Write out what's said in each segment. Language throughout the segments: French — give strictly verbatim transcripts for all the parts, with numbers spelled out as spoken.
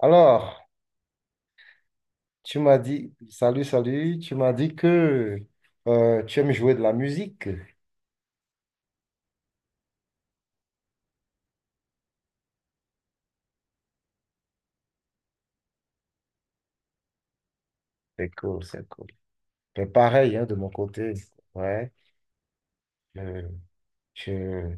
Alors, tu m'as dit, salut, salut, tu m'as dit que euh, tu aimes jouer de la musique. C'est cool, c'est cool. Mais pareil, hein, de mon côté, ouais. euh, je-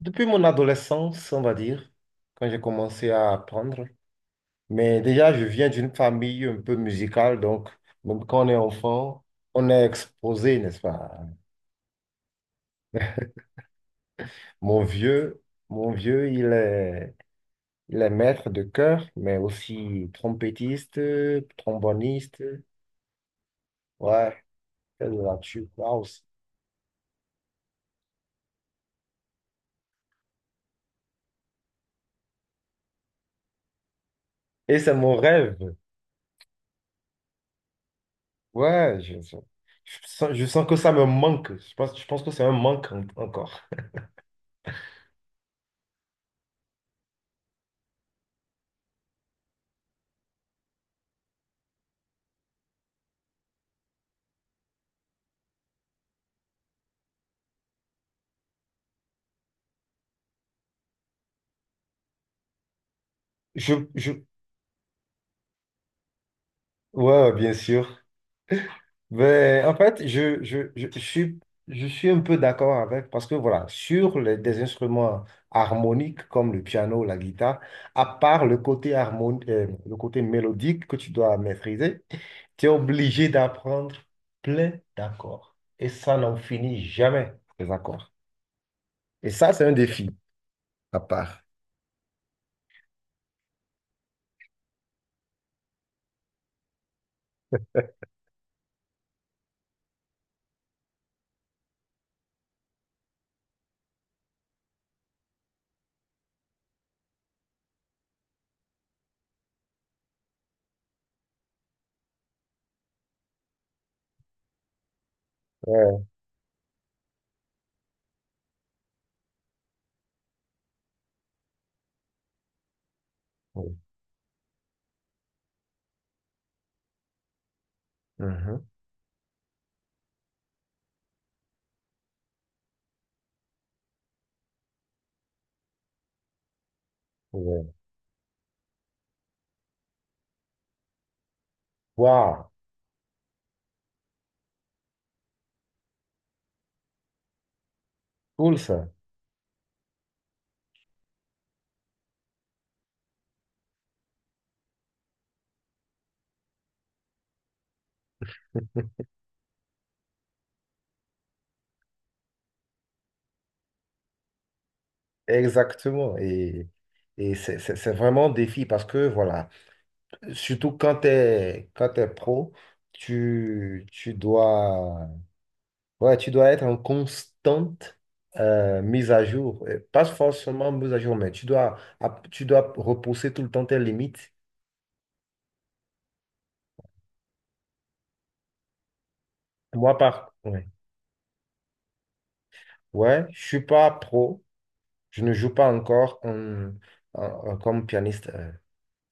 Depuis mon adolescence, on va dire, quand j'ai commencé à apprendre, mais déjà, je viens d'une famille un peu musicale, donc même quand on est enfant, on est exposé, n'est-ce pas? Mon vieux, mon vieux, il est... Il est maître de chœur, mais aussi trompettiste, tromboniste. Ouais, là, tu waouh. Et c'est mon rêve. Ouais, je, je- je sens, je sens que ça me manque. Je pense, je pense que c'est un manque en- encore. Je, je, ouais, bien sûr. Ben, en fait, je, je, je, je suis, je suis un peu d'accord avec, parce que voilà, sur les, des instruments harmoniques comme le piano, la guitare, à part le côté harmon- euh, le côté mélodique que tu dois maîtriser, tu es obligé d'apprendre plein d'accords. Et ça n'en finit jamais, les accords. Et ça, c'est un défi à part. Ouais. Ouais. Mhm. Ouais. Waouh, cool ça. Exactement. Et, et c'est c'est- c'est vraiment un défi parce que voilà. Surtout quand tu es, quand t'es pro, tu, tu dois, ouais, tu dois être en constante euh, mise à jour. Et pas forcément mise à jour, mais tu dois, app- tu dois repousser tout le temps tes limites. Moi, par... ouais. Ouais, je suis pas pro, je ne joue pas encore en- en- en- comme pianiste. euh,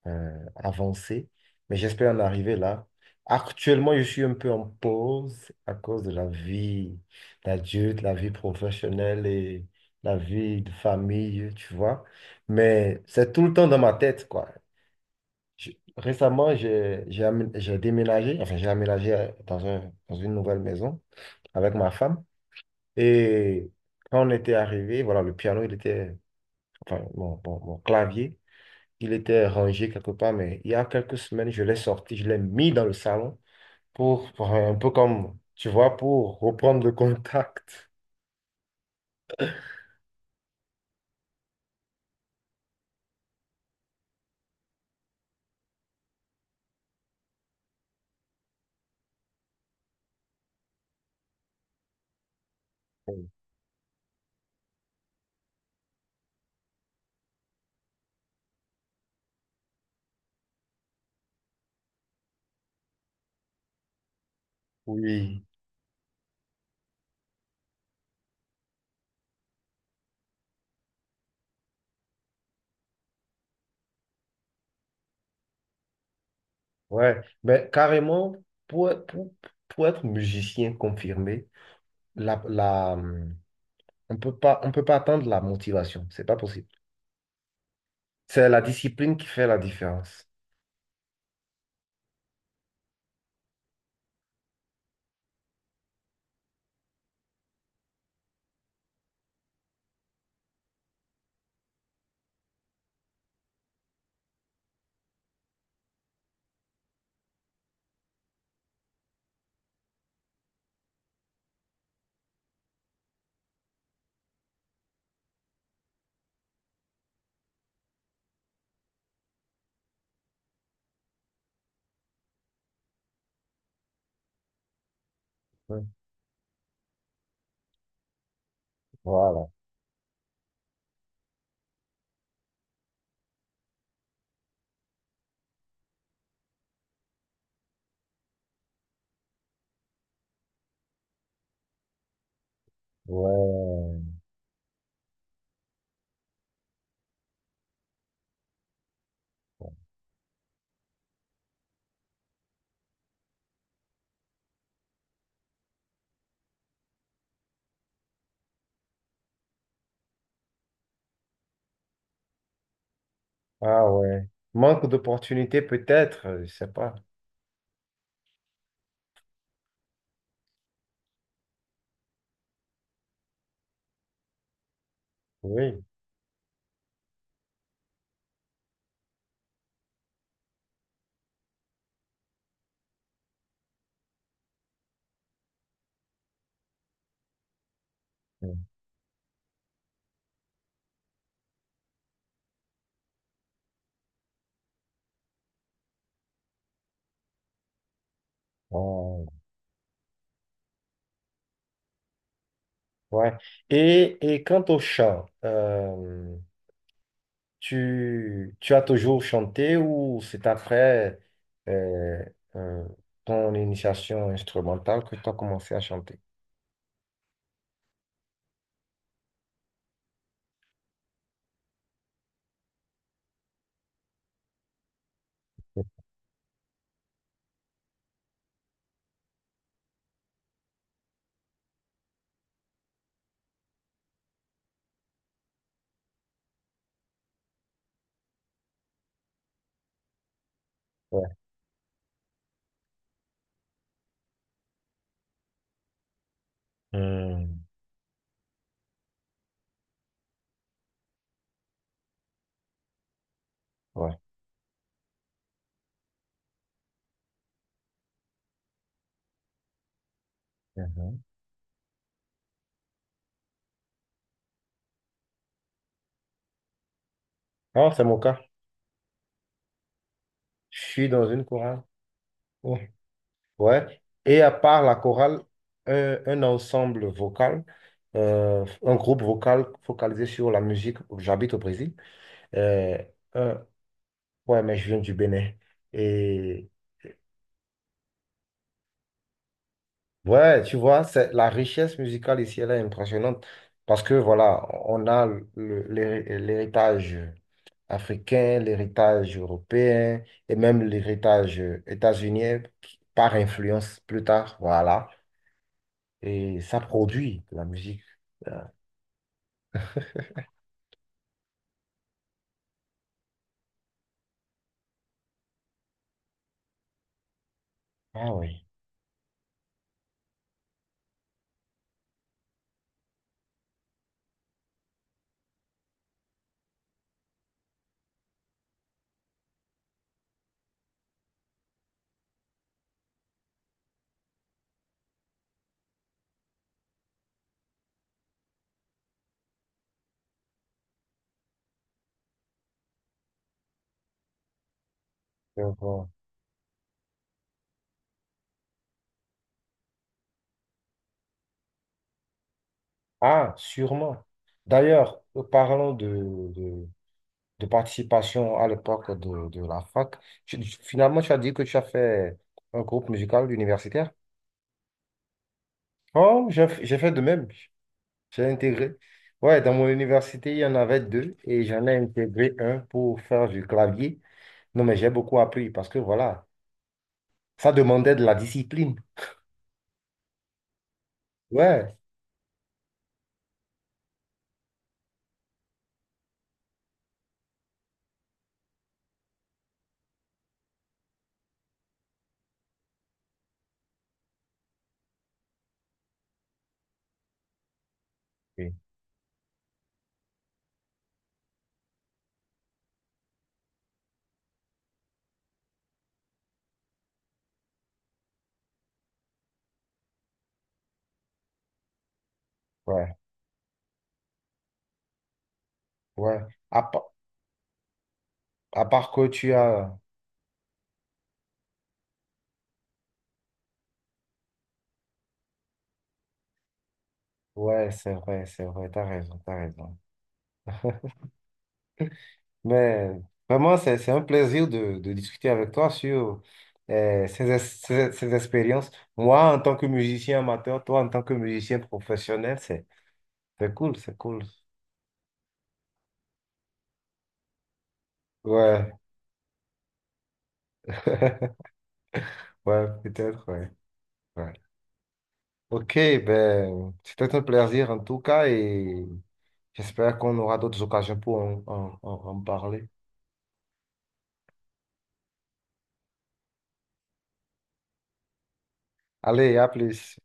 euh, Avancé, mais j'espère en arriver là. Actuellement, je suis un peu en pause à cause de la vie d'adulte, la vie professionnelle et la vie de famille, tu vois. Mais c'est tout le temps dans ma tête, quoi. Je- Récemment, j'ai j'ai amé- j'ai déménagé, enfin, j'ai aménagé dans un, dans une nouvelle maison avec ma femme. Et quand on était arrivé, voilà, le piano, il était, enfin, mon, mon- mon clavier. Il était rangé quelque part, mais il y a quelques semaines, je l'ai sorti, je l'ai mis dans le salon pour, pour un peu comme, tu vois, pour reprendre le contact. Oui, ouais. Mais carrément, pour, pour, pour être musicien confirmé, la, la, hum, on peut pas, on peut pas attendre la motivation. C'est pas possible. C'est la discipline qui fait la différence. Ouais. Voilà. Ouais. Ah ouais. Manque d'opportunités peut-être, je sais pas. Oui. Ouais. Ouais. Et, et quant au chant, euh, tu, tu as toujours chanté ou c'est après euh, euh, ton initiation instrumentale que tu as commencé à chanter? Ouais. Hmm. Ouais. Mhm. Ah, c'est mon cas. Je suis dans une chorale. Ouais. Ouais. Et à part la chorale, un, un ensemble vocal, euh, un groupe vocal focalisé sur la musique. J'habite au Brésil. Euh, un- ouais, mais je viens du Bénin. Et ouais, tu vois, c'est la richesse musicale ici, elle est impressionnante parce que voilà, on a le- l'hé- l'héritage africain, l'héritage européen et même l'héritage états-unien qui- par influence plus tard, voilà. Et ça produit de la musique. Ah oui. Donc, euh, ah, sûrement. D'ailleurs, euh, parlons de, de, de participation à l'époque de, de la fac. Tu- tu- finalement, tu as dit que tu as fait un groupe musical universitaire. Oh, j'ai j'ai fait de même. J'ai intégré. Ouais, dans mon université, il y en avait deux et j'en ai intégré un pour faire du clavier. Non, mais j'ai beaucoup appris parce que voilà, ça demandait de la discipline. Ouais, oui, ouais, ouais. À, pa- à part que tu as. Ouais, c'est vrai, c'est vrai, t'as raison, t'as raison. Mais vraiment, c'est, c'est un plaisir de, de discuter avec toi sur euh, ces, ex- ces ces expériences. Moi, en tant que musicien amateur, toi, en tant que musicien professionnel, c'est. C'est cool, c'est cool. Ouais, ouais, peut-être, ouais. Ouais. Ok, ben, c'était un plaisir en tout cas et j'espère qu'on aura d'autres occasions pour en, en en- en parler. Allez, à plus.